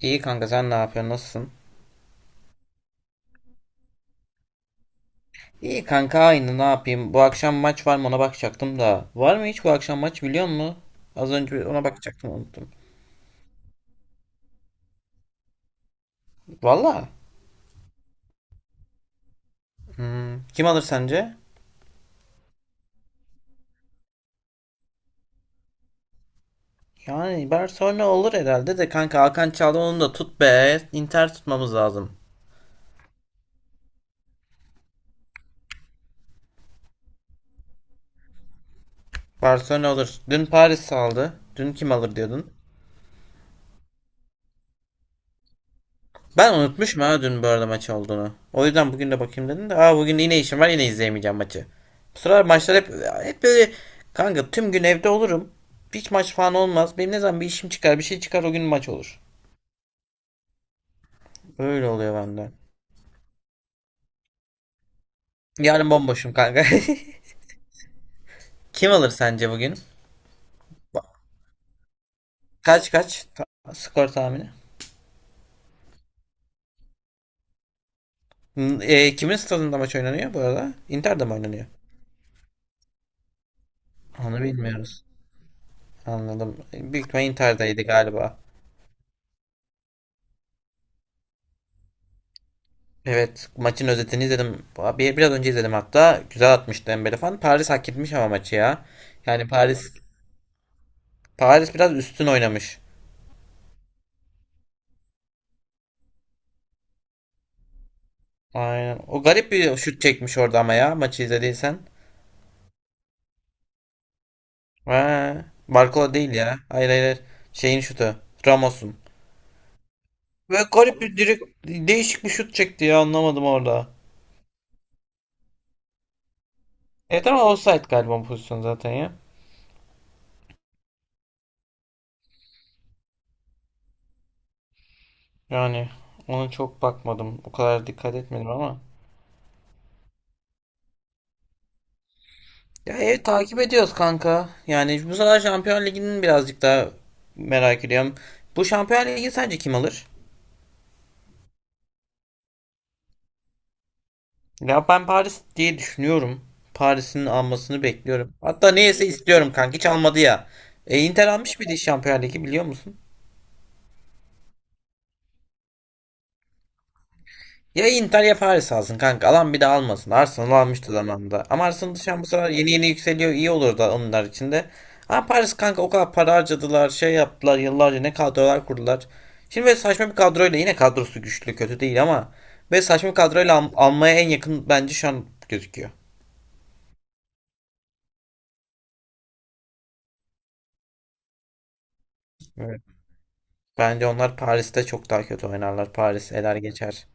İyi kanka sen ne yapıyorsun? Nasılsın? İyi kanka aynı ne yapayım? Bu akşam maç var mı ona bakacaktım da. Var mı hiç bu akşam maç biliyor musun? Az önce ona bakacaktım unuttum. Valla. Kim alır sence? Yani Barcelona olur herhalde de kanka Hakan çaldı onu da tut be. Inter tutmamız lazım. Barcelona olur. Dün Paris aldı. Dün kim alır diyordun? Ben unutmuşum ha dün bu arada maç olduğunu. O yüzden bugün de bakayım dedim de. Aa bugün yine işim var yine izleyemeyeceğim maçı. Bu sıralar maçlar hep böyle kanka tüm gün evde olurum. Hiç maç falan olmaz. Benim ne zaman bir işim çıkar bir şey çıkar o gün maç olur. Öyle oluyor bende. Yarın bomboşum kanka. Kim alır sence bugün? Kaç kaç? Skor tahmini. Kimin stadında maç oynanıyor bu arada? Inter'de mi oynanıyor? Onu bilmiyoruz. Anladım. Büyük ihtimalle Inter'deydi galiba. Evet, maçın özetini izledim. Biraz önce izledim hatta. Güzel atmıştı Dembele falan. Paris hak etmiş ama maçı ya. Yani Paris biraz üstün oynamış. Aynen. O garip bir şut çekmiş orada ama ya maçı izlediysen. Ha, Barcola değil ya. Hayır, hayır, hayır. Şeyin şutu. Ramos'un. Ve garip bir direkt değişik bir şut çekti ya anlamadım orada. Evet ama offside galiba bu pozisyon zaten ya. Yani ona çok bakmadım. O kadar dikkat etmedim ama. Ya evet takip ediyoruz kanka. Yani bu sefer Şampiyon Ligi'nin birazcık daha merak ediyorum. Bu Şampiyon Ligi sence kim alır? Ya ben Paris diye düşünüyorum. Paris'in almasını bekliyorum. Hatta neyse istiyorum kanka hiç almadı ya. E, Inter almış bir de Şampiyon Ligi biliyor musun? Ya Inter ya Paris alsın kanka. Alan bir de almasın. Arsenal almıştı zamanında. Ama Arsenal şu an bu sefer yeni yeni yükseliyor. İyi olur da onlar için de. Ama Paris kanka o kadar para harcadılar. Şey yaptılar yıllarca ne kadrolar kurdular. Şimdi böyle saçma bir kadroyla yine kadrosu güçlü kötü değil ama böyle saçma bir kadroyla almaya en yakın bence şu an gözüküyor. Evet. Bence onlar Paris'te çok daha kötü oynarlar. Paris eler geçer.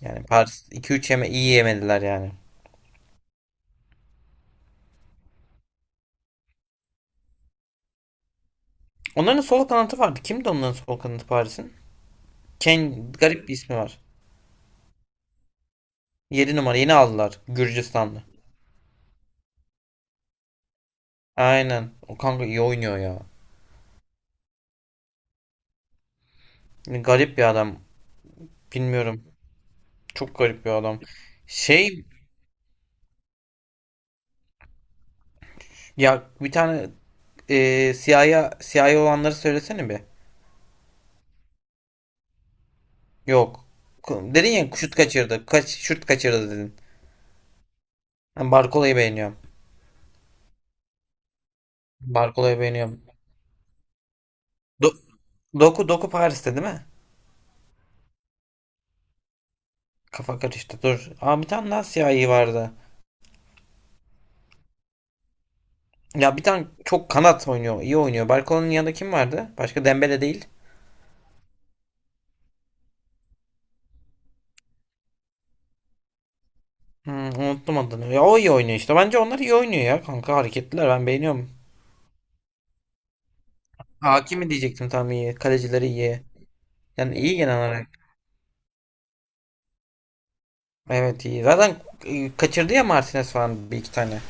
Yani Paris iki üç yeme iyi yemediler yani. Onların sol kanatı vardı. Kimdi onların sol kanatı Paris'in? Ken garip bir ismi var. 7 numara yeni aldılar. Gürcistanlı. Aynen. O kanka iyi oynuyor ya. Garip bir adam. Bilmiyorum. Çok garip bir adam. Şey ya bir tane siyah siyah olanları söylesene bir. Yok. Dedin ya şut kaçırdı. Kaç şut kaçırdı dedin. Ben Barkola'yı beğeniyorum. Barkola'yı beğeniyorum. Do- Doku Paris'te değil mi? Kafa karıştı. Dur. Aa bir tane daha siyahi vardı. Ya bir tane çok kanat oynuyor. İyi oynuyor. Barkola'nın yanında kim vardı? Başka Dembele değil. Unuttum adını. Ya o iyi oynuyor işte. Bence onlar iyi oynuyor ya kanka. Hareketliler ben beğeniyorum. Hakimi diyecektim tam iyi. Kalecileri iyi. Yani iyi genel olarak. Evet iyi. Zaten kaçırdı ya Martinez falan bir iki tane.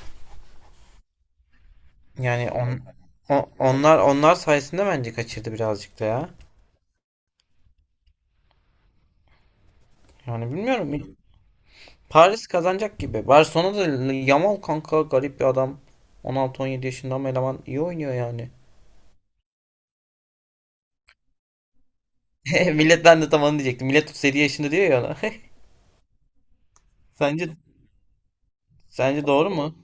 Yani on, o- onlar onlar sayesinde bence kaçırdı birazcık da ya. Yani bilmiyorum. Paris kazanacak gibi. Barcelona da Yamal kanka garip bir adam. 16-17 yaşında ama eleman iyi oynuyor yani. Millet ben de tam onu diyecektim. Millet 37 yaşında diyor ya ona. Sence sence doğru mu?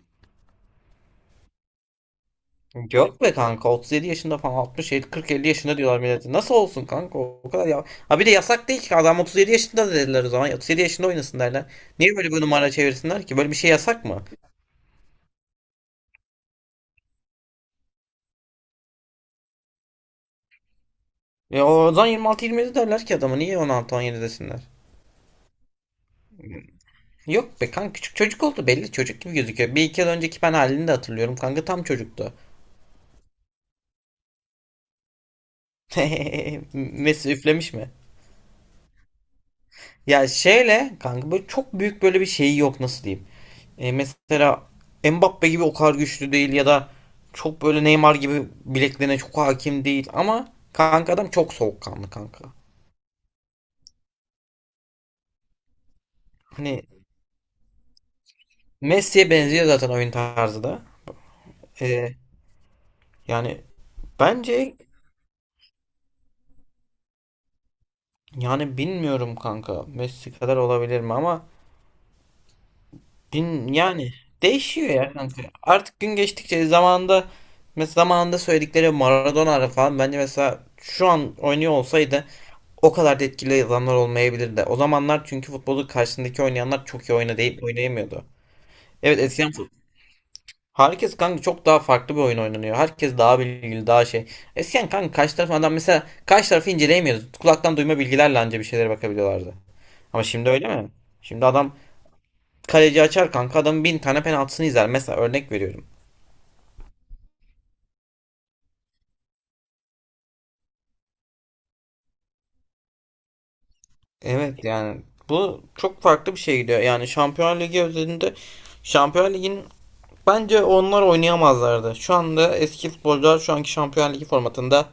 Yok be kanka 37 yaşında falan 60 50 40 50 yaşında diyorlar millete. Nasıl olsun kanka o kadar ya. Ha bir de yasak değil ki adam 37 yaşında da dediler o zaman. 37 yaşında oynasın derler. Niye böyle bir numara çevirsinler ki? Böyle bir şey yasak mı? Ya o zaman 26 27 derler ki adama niye 16-17 desinler? Yok be kanka küçük çocuk oldu belli çocuk gibi gözüküyor. Bir iki yıl önceki ben halini de hatırlıyorum kanka tam çocuktu. Messi üflemiş mi? Ya şeyle kanka böyle çok büyük böyle bir şeyi yok nasıl diyeyim. E, mesela Mbappe gibi o kadar güçlü değil ya da çok böyle Neymar gibi bileklerine çok hakim değil ama kanka adam çok soğukkanlı kanka. Hani Messi'ye benziyor zaten oyun tarzı da. E, yani bence yani bilmiyorum kanka Messi kadar olabilir mi ama gün yani değişiyor ya kanka. Artık gün geçtikçe zamanda mesela zamanında söyledikleri Maradona falan bence mesela şu an oynuyor olsaydı o kadar da etkili adamlar olmayabilirdi. O zamanlar çünkü futbolu karşısındaki oynayanlar çok iyi oynayıp oynayamıyordu. Evet eskiden herkes kanka çok daha farklı bir oyun oynanıyor. Herkes daha bilgili daha şey. Eskiden kanka karşı tarafın adam mesela karşı tarafı inceleyemiyordu. Kulaktan duyma bilgilerle anca bir şeylere bakabiliyorlardı. Ama şimdi öyle mi? Şimdi adam kaleci açar kanka adamın bin tane penaltısını izler. Mesela örnek veriyorum. Evet yani bu çok farklı bir şey gidiyor. Yani Şampiyonlar Ligi özelinde Şampiyonlar Ligi'nin bence onlar oynayamazlardı. Şu anda eski futbolcular şu anki Şampiyonlar Ligi formatında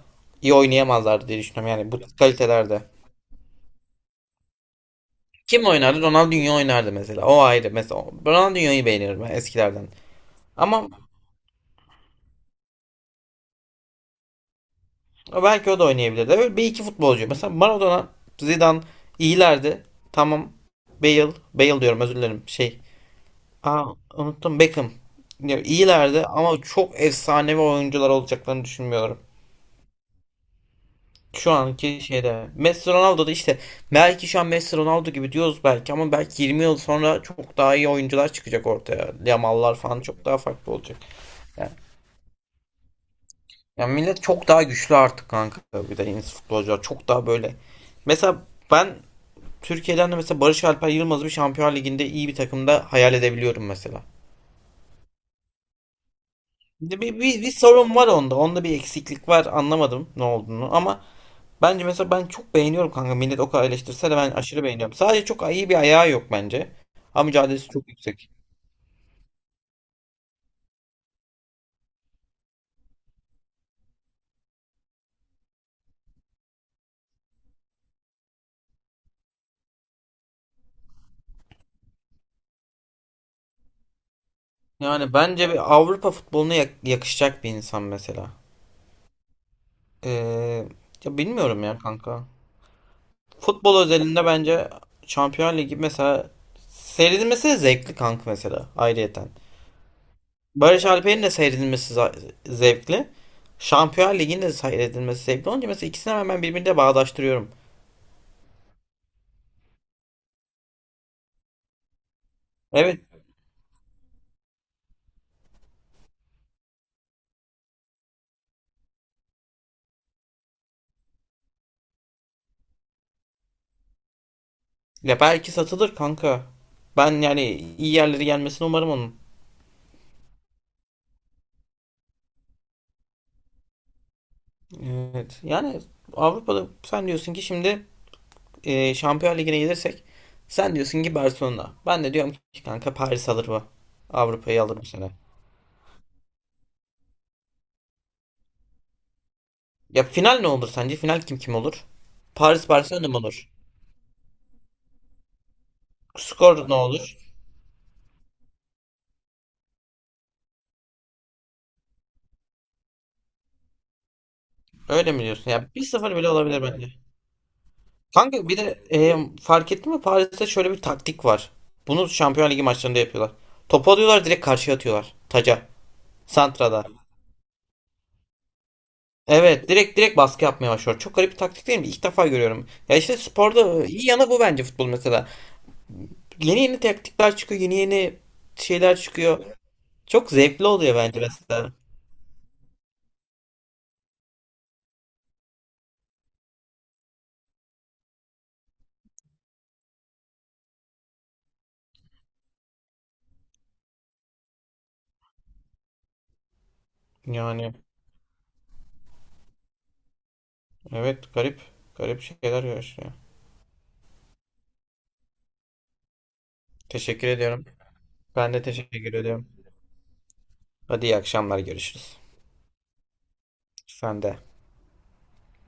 iyi oynayamazlardı diye düşünüyorum. Yani bu kalitelerde. Kim oynardı? Ronaldinho oynardı mesela. O ayrı. Mesela Ronaldinho'yu beğenirim ben eskilerden. Ama belki o da oynayabilirdi. Öyle bir iki futbolcu. Mesela Maradona, Zidane iyilerdi. Tamam. Bale, Bale diyorum özür dilerim. Aa unuttum Beckham. Ya, iyilerdi ama çok efsanevi oyuncular olacaklarını düşünmüyorum. Şu anki şeyde. Messi Ronaldo da işte belki şu an Messi Ronaldo gibi diyoruz belki ama belki 20 yıl sonra çok daha iyi oyuncular çıkacak ortaya. Yamallar falan çok daha farklı olacak. Yani, yani millet çok daha güçlü artık kanka. Bir de yeni futbolcular çok daha böyle. Mesela ben Türkiye'den de mesela Barış Alper Yılmaz'ı bir Şampiyonlar Ligi'nde iyi bir takımda hayal edebiliyorum mesela. Bir sorun var onda. Onda bir eksiklik var. Anlamadım ne olduğunu ama bence mesela ben çok beğeniyorum kanka. Millet o kadar eleştirse de ben aşırı beğeniyorum. Sadece çok iyi bir ayağı yok bence. Ama mücadelesi çok yüksek. Yani bence bir Avrupa futboluna yakışacak bir insan mesela. Ee, ya bilmiyorum ya kanka. Futbol özelinde bence Şampiyonlar Ligi mesela seyredilmesi de zevkli kanka mesela ayrıyeten. Barış Alper'in de seyredilmesi zevkli. Şampiyon Ligi'nin de seyredilmesi zevkli. Onunca mesela ikisini hemen birbirine bağdaştırıyorum. Evet. Ya belki satılır kanka. Ben yani iyi yerlere gelmesini umarım onun. Evet. Yani Avrupa'da sen diyorsun ki şimdi Şampiyon Ligi'ne gelirsek sen diyorsun ki Barcelona. Ben de diyorum ki kanka Paris alır bu. Avrupa'yı alır bu sene. Ya final ne olur sence? Final kim olur? Paris Barcelona mı olur? Skor ne olur? Öyle mi diyorsun? Ya bir 0 bile olabilir bence. Kanka bir de fark ettin mi Paris'te şöyle bir taktik var. Bunu Şampiyonlar Ligi maçlarında yapıyorlar. Topu alıyorlar direkt karşıya atıyorlar. Taca. Santra'da. Evet direkt baskı yapmaya başlıyor. Çok garip bir taktik değil mi? İlk defa görüyorum. Ya işte sporda iyi yanı bu bence futbol mesela. Yeni yeni taktikler çıkıyor. Yeni yeni şeyler çıkıyor. Çok zevkli oluyor bence mesela. Yani evet garip. Garip şeyler yaşıyor. Teşekkür ediyorum. Ben de teşekkür ediyorum. Hadi iyi akşamlar görüşürüz. Sen de.